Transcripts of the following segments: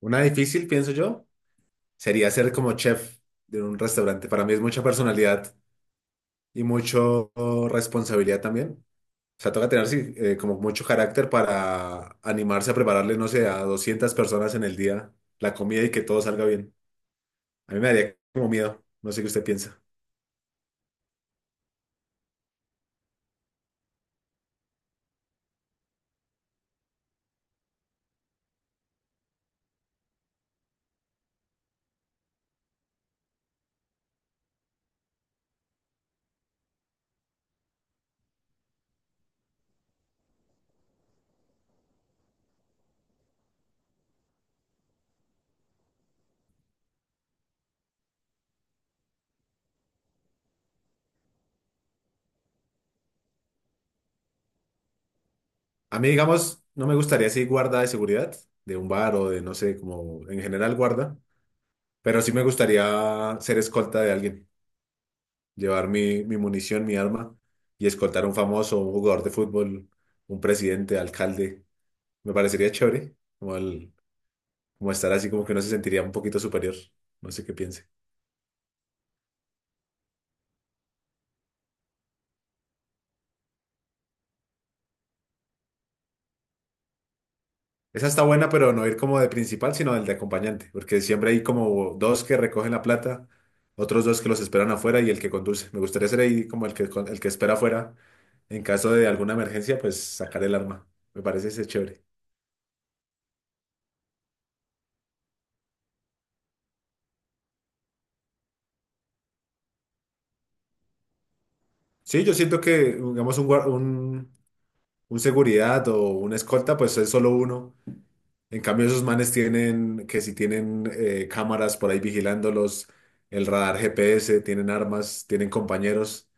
Una difícil, pienso yo, sería ser como chef de un restaurante. Para mí es mucha personalidad y mucho responsabilidad también. O sea, toca tener sí, como mucho carácter para animarse a prepararle, no sé, a 200 personas en el día la comida y que todo salga bien. A mí me daría como miedo, no sé qué usted piensa. A mí, digamos, no me gustaría así guarda de seguridad de un bar o de, no sé, como en general guarda, pero sí me gustaría ser escolta de alguien. Llevar mi munición, mi arma y escoltar a un famoso, un jugador de fútbol, un presidente, alcalde. Me parecería chévere, como, como estar así como que uno se sentiría un poquito superior. No sé qué piense. Esa está buena, pero no ir como de principal, sino del de acompañante, porque siempre hay como dos que recogen la plata, otros dos que los esperan afuera y el que conduce. Me gustaría ser ahí como el que espera afuera. En caso de alguna emergencia, pues sacar el arma. Me parece ese chévere. Sí, yo siento que, digamos, un seguridad o una escolta, pues es solo uno. En cambio, esos manes tienen, que si tienen cámaras por ahí vigilándolos, el radar GPS, tienen armas, tienen compañeros,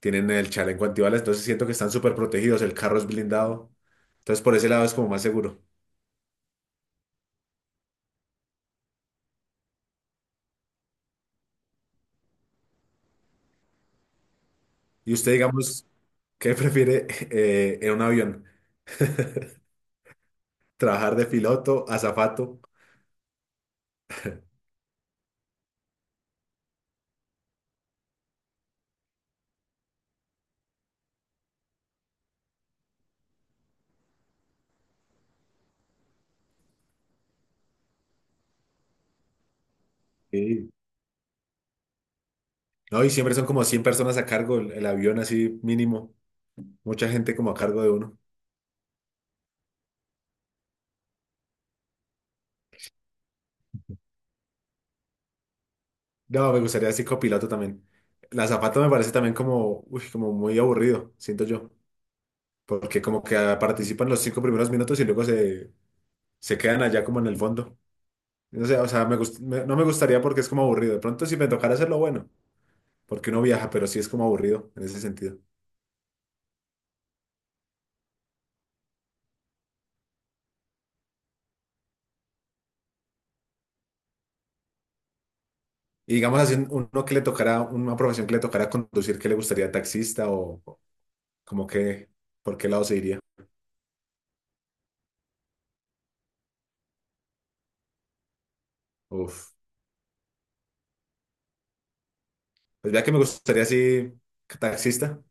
tienen el chaleco antibalas, entonces siento que están súper protegidos, el carro es blindado. Entonces, por ese lado es como más seguro. Y usted, digamos, ¿qué prefiere en un avión? ¿Trabajar de piloto, azafato? Sí. No, y siempre son como 100 personas a cargo el avión así mínimo. Mucha gente como a cargo de uno. No, me gustaría así copiloto también. La zapata me parece también como, uy, como muy aburrido, siento yo. Porque como que participan los 5 primeros minutos y luego se quedan allá como en el fondo. No sé, o sea, no me gustaría porque es como aburrido. De pronto si me tocara hacerlo, bueno, porque uno viaja, pero sí es como aburrido en ese sentido. Y digamos así, uno que le tocara, una profesión que le tocara conducir, qué le gustaría taxista o como que, ¿por qué lado se iría? Uf, pues ya que me gustaría así taxista.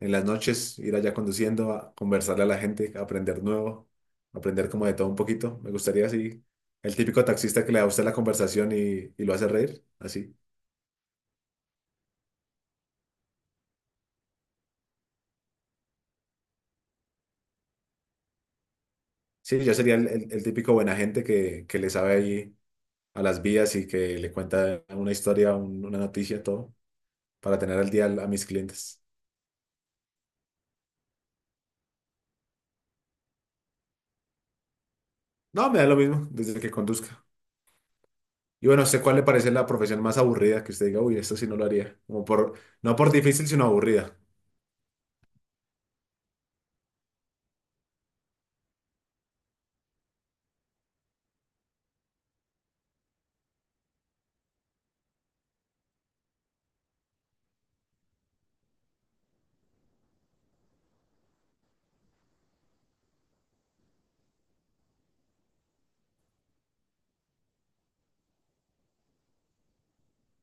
En las noches ir allá conduciendo, a conversarle a la gente, a aprender nuevo, aprender como de todo un poquito. Me gustaría así, el típico taxista que le da a usted la conversación y lo hace reír, así. Sí, yo sería el típico buena gente que le sabe ahí a las vías y que le cuenta una historia, una noticia, todo, para tener al día a mis clientes. No, me da lo mismo desde que conduzca. Y bueno, ¿sé cuál le parece la profesión más aburrida que usted diga, uy, esto sí no lo haría? Como por, no por difícil, sino aburrida.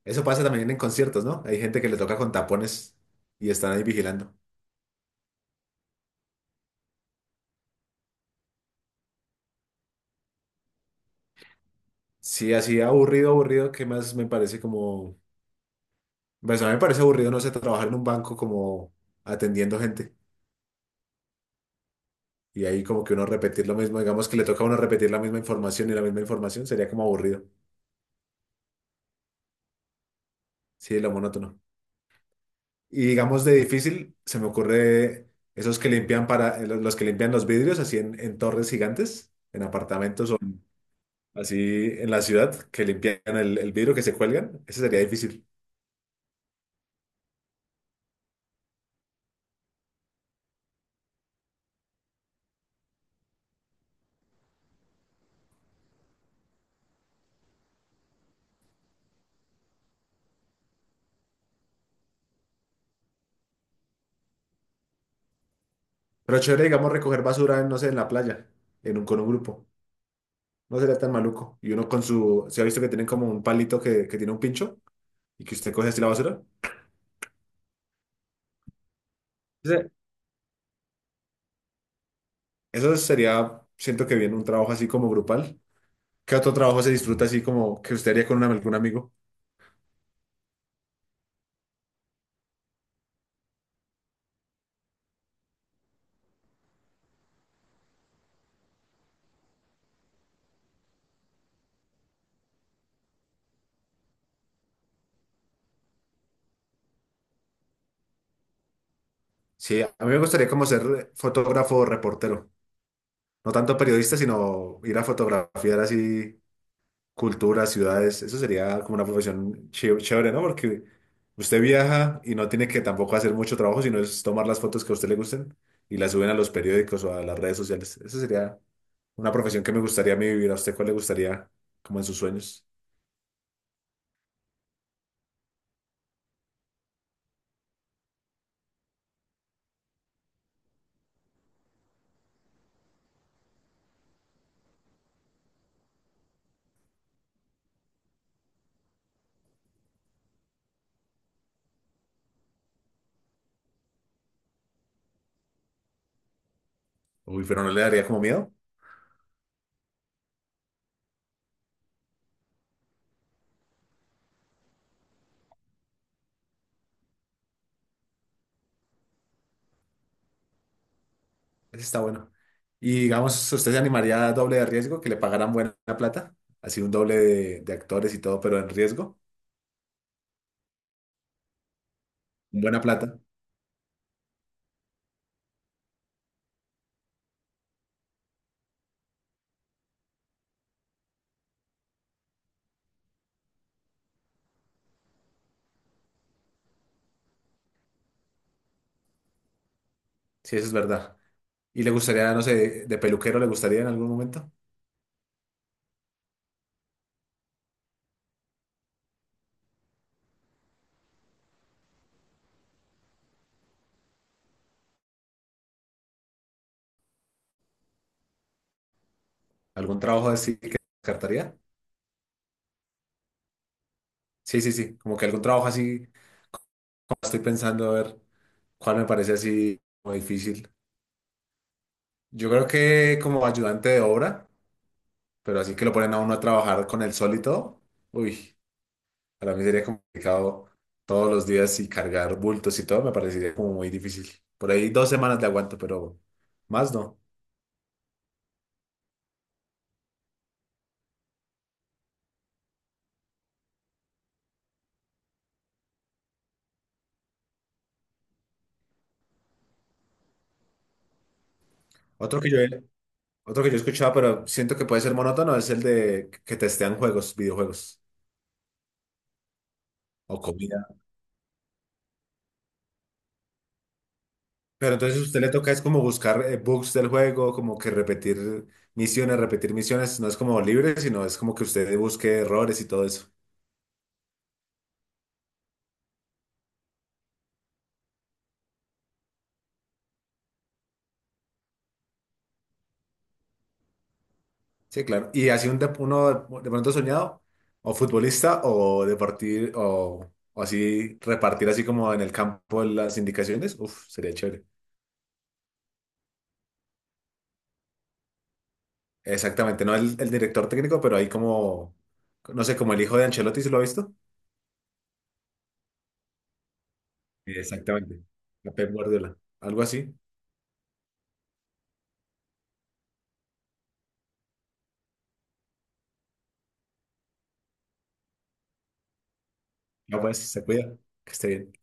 Eso pasa también en conciertos, ¿no? Hay gente que le toca con tapones y están ahí vigilando. Sí, así aburrido, aburrido, ¿qué más me parece como... Pues a mí me parece aburrido, no sé, trabajar en un banco como atendiendo gente y ahí como que uno repetir lo mismo, digamos que le toca a uno repetir la misma información y la misma información, sería como aburrido. Sí, lo monótono. Y digamos de difícil, se me ocurre esos que limpian para, los que limpian los vidrios así en torres gigantes, en apartamentos así en la ciudad, que limpian el vidrio que se cuelgan, ese sería difícil. Pero chévere, digamos, recoger basura, no sé, en la playa, en un, con un grupo. No sería tan maluco. Y uno con su, ¿se ha visto que tienen como un palito que tiene un pincho y que usted coge así la basura? Ese- Eso sería, siento que bien, un trabajo así como grupal. ¿Qué otro trabajo se disfruta así como que usted haría con un, algún amigo? Sí, a mí me gustaría como ser fotógrafo o reportero. No tanto periodista, sino ir a fotografiar así culturas, ciudades. Eso sería como una profesión chévere, ¿no? Porque usted viaja y no tiene que tampoco hacer mucho trabajo, sino es tomar las fotos que a usted le gusten y las suben a los periódicos o a las redes sociales. Eso sería una profesión que me gustaría a mí vivir. ¿A usted cuál le gustaría como en sus sueños? Uy, pero no le daría como miedo. Eso está bueno. Y digamos, ¿usted se animaría a doble de riesgo, que le pagaran buena plata? Así un doble de actores y todo, pero en riesgo. Buena plata. Sí, eso es verdad. ¿Y le gustaría, no sé, de, peluquero le gustaría en algún momento? ¿Algún trabajo así que descartaría? Sí, sí, sí. Como que algún trabajo así, como estoy pensando, a ver cuál me parece así como difícil. Yo creo que como ayudante de obra, pero así que lo ponen a uno a trabajar con el sol y todo. Uy, para mí sería complicado todos los días y cargar bultos y todo, me parecería como muy difícil. Por ahí 2 semanas le aguanto, pero más no. Otro que yo, Otro que yo he escuchado, pero siento que puede ser monótono, es el de que testean juegos, videojuegos o comida. Pero entonces si a usted le toca es como buscar bugs del juego, como que repetir misiones. No es como libre, sino es como que usted busque errores y todo eso. Sí, claro. Y así uno de pronto soñado, o futbolista, o de partir, o así repartir así como en el campo las indicaciones. Uf, sería chévere. Exactamente, no el director técnico, pero ahí como, no sé, como el hijo de Ancelotti, ¿se lo ha visto? Exactamente. La Pep Guardiola. Algo así. No, pues, se cuida. Que esté bien.